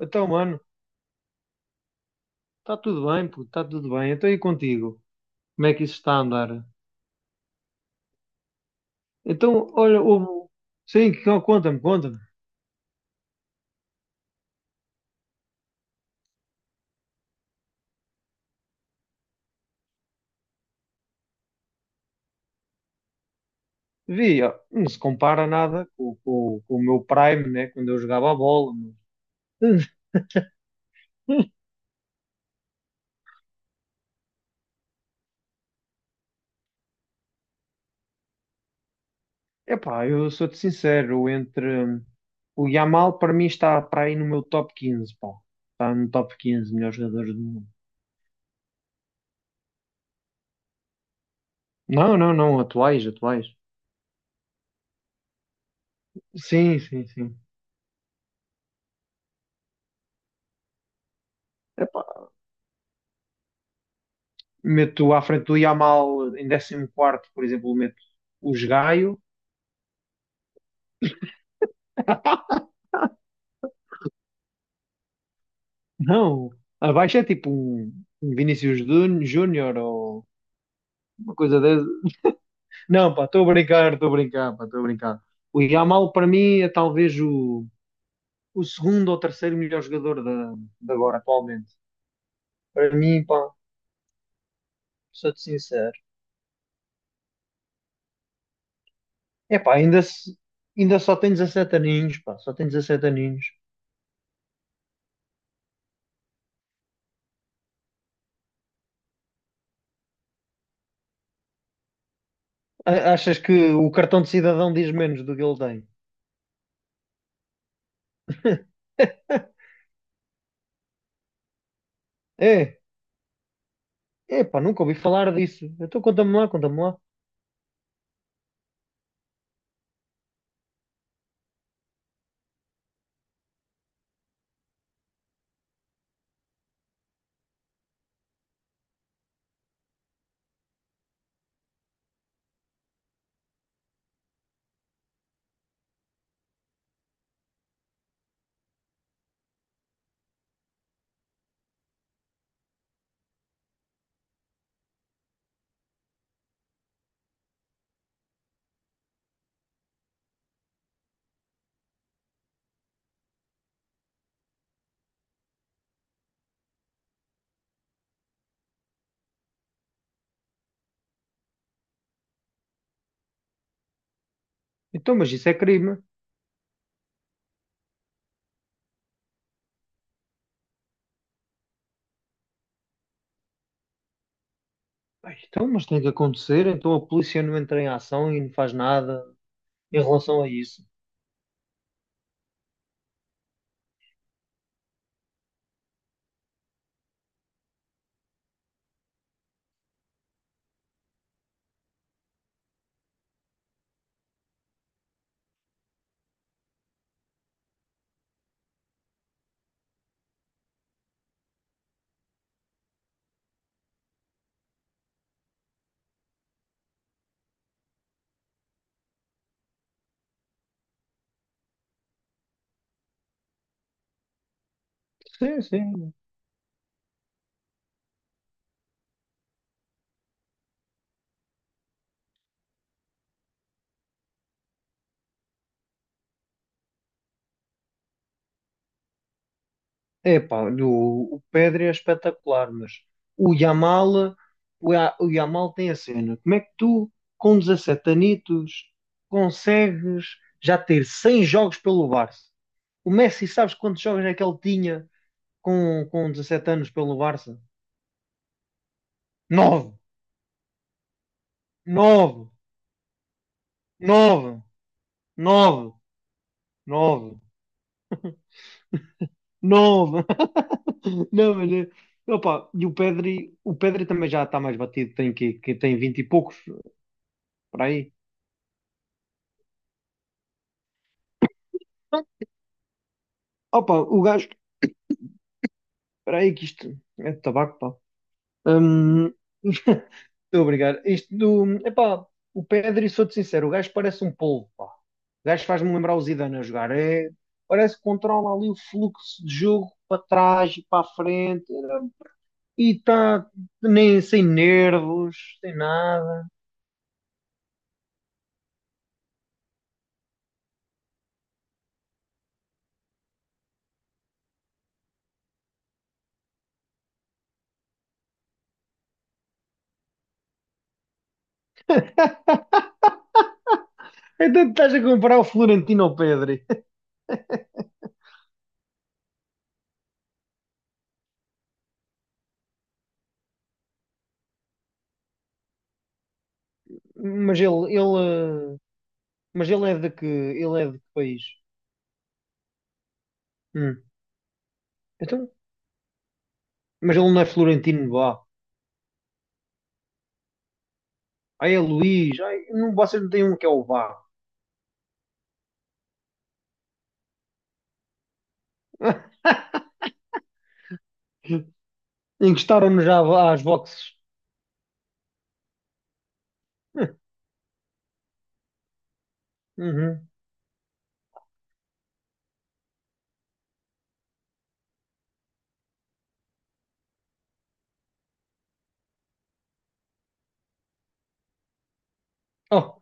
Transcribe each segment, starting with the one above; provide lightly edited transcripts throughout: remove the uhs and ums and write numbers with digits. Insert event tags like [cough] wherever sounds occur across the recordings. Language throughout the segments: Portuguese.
Então, mano, está tudo bem, puto, está tudo bem. Então, e contigo? Como é que isso está a andar? Então, olha, houve... Sim, conta-me, conta-me. Vi, ó, não se compara nada com o meu Prime, né? Quando eu jogava a bola. Mas... [laughs] Epá, eu sou-te sincero, o Yamal, para mim, está para aí no meu top 15, pá. Está no top 15 melhores jogadores do mundo. Não, não, não, atuais, atuais. Sim, sim, sim. Meto à frente do Yamal em 14º, por exemplo, meto o Gaio. Não, abaixo é tipo um Vinícius Júnior ou uma coisa dessa. Não, pá, estou a brincar, pá, estou a brincar. O Yamal para mim é talvez o segundo ou terceiro melhor jogador de agora, atualmente. Para mim, pá, sou-te sincero. É pá, ainda, se- ainda só tem 17 aninhos, pá, só tem 17 aninhos. Achas que o cartão de cidadão diz menos do que ele tem? [laughs] É. Epá, nunca ouvi falar disso. Então conta-me lá, conta-me lá. Então, mas isso é crime. Ai, então, mas tem que acontecer. Então a polícia não entra em ação e não faz nada em relação a isso. Sim, sim. Epá, o Pedri é espetacular, mas o Yamal, o Yamal tem a cena. Como é que tu, com 17 anitos, consegues já ter 100 jogos pelo Barça? O Messi, sabes quantos jogos é que ele tinha com 17 anos pelo Barça? Nove! Nove! Nove, nove, nove, nove. [laughs] Não, mas opa, e o Pedri também já está mais batido, tem que tem vinte e poucos, por aí. Opa, o gajo, espera aí que isto é de tabaco, pá. Hum, [laughs] Estou a brigar. Epá, o Pedri, sou-te sincero, o gajo parece um polvo, pá. O gajo faz-me lembrar o Zidane a jogar. É, parece que controla ali o fluxo de jogo para trás e para a frente. E está, nem sem nervos, sem nada. Então estás a comparar o Florentino ao Pedri. [laughs] Mas ele, eh, mas ele é de que, ele é de que país? Hum. Então, mas ele não é Florentino Vá. Ai, é Luís. Ai, não, vocês não têm um que é o Vá. [laughs] Encostaram-nos já às boxes. [laughs] Uhum. Oh,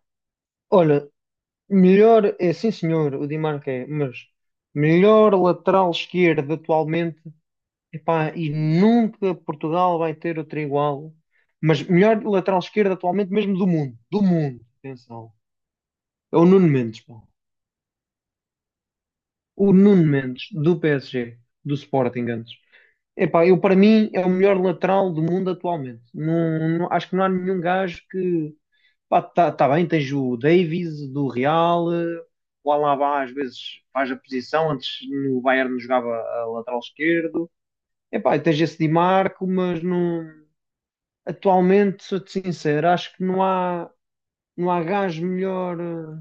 olha, melhor, é sim senhor, o Di Marco é, mas melhor lateral esquerdo atualmente. Epá, e nunca Portugal vai ter outro igual. Mas melhor lateral esquerdo atualmente mesmo do mundo. Do mundo, atenção. É o Nuno Mendes, pá. O Nuno Mendes, do PSG, do Sporting antes. Epá, eu para mim é o melhor lateral do mundo atualmente. Não, acho que não há nenhum gajo que... Pá, tá, tá bem, tens o Davies do Real, o Alaba às vezes faz a posição, antes no Bayern jogava a lateral esquerdo. Epá, e tens esse Di Marco, mas não. Atualmente, sou-te sincero, acho que não há gajo melhor.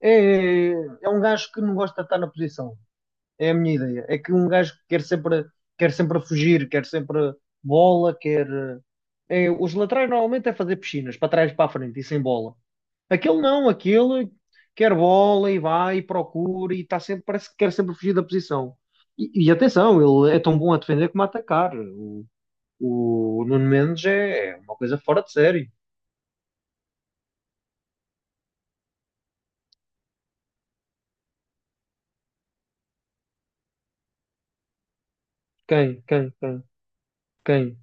É, é é um gajo que não gosta de estar na posição. É a minha ideia. É que um gajo que quer sempre fugir, quer sempre bola, quer. Os laterais normalmente é fazer piscinas, para trás e para a frente, e sem bola. Aquele não, aquele quer bola e vai e procura e está sempre, parece que quer sempre fugir da posição. E atenção, ele é tão bom a defender como a atacar. O Nuno Mendes é uma coisa fora de série. Quem? Quem? Quem? Quem?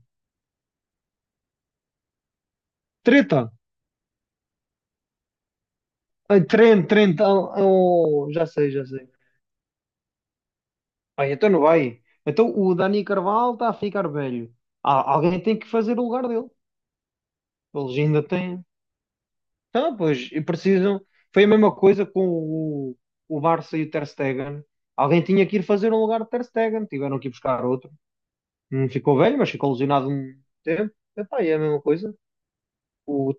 Treta! Ai, Trent, Trent. Oh, oh, já sei, já sei. Ai, então não vai. Então o Dani Carvalho está a ficar velho. Ah, alguém tem que fazer o lugar dele. Eles ainda têm. Então, pois, e precisam. Foi a mesma coisa com o Barça e o Ter Stegen. Alguém tinha que ir fazer um lugar de Ter Stegen. Tiveram que ir buscar outro. Não ficou velho, mas ficou lesionado um tempo. Epá, e é a mesma coisa. O...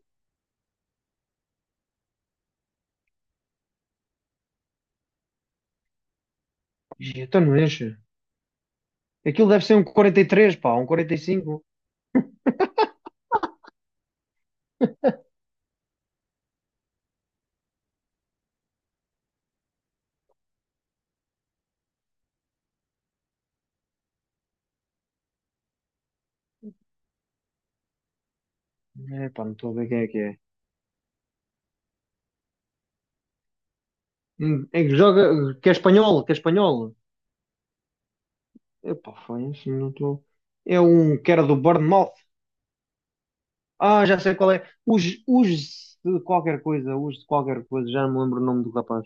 Então não enche. Aquilo deve ser um 43 pá, um 45. Epá, não estou a ver quem é que é. É que joga, que é espanhol, que é espanhol. Epá, foi isso, não estou. É um que era do Bournemouth. Ah, já sei qual é. Os de qualquer coisa, os de qualquer coisa, já não me lembro o nome do rapaz.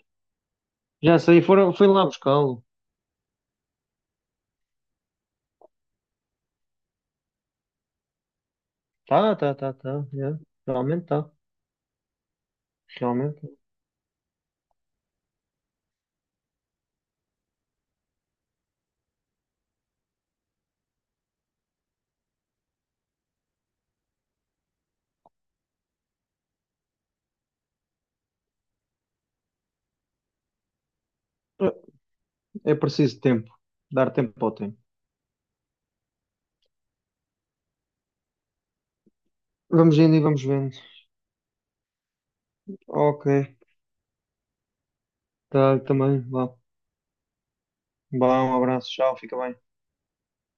Já sei, fui lá buscá-lo. Tá, tá, tá, tá. Yeah, realmente tá. Realmente. É é preciso tempo. Dar tempo ao tempo. Vamos indo e vamos vendo. Ok. Tá, também. Vá. Vá, um abraço. Tchau, fica bem.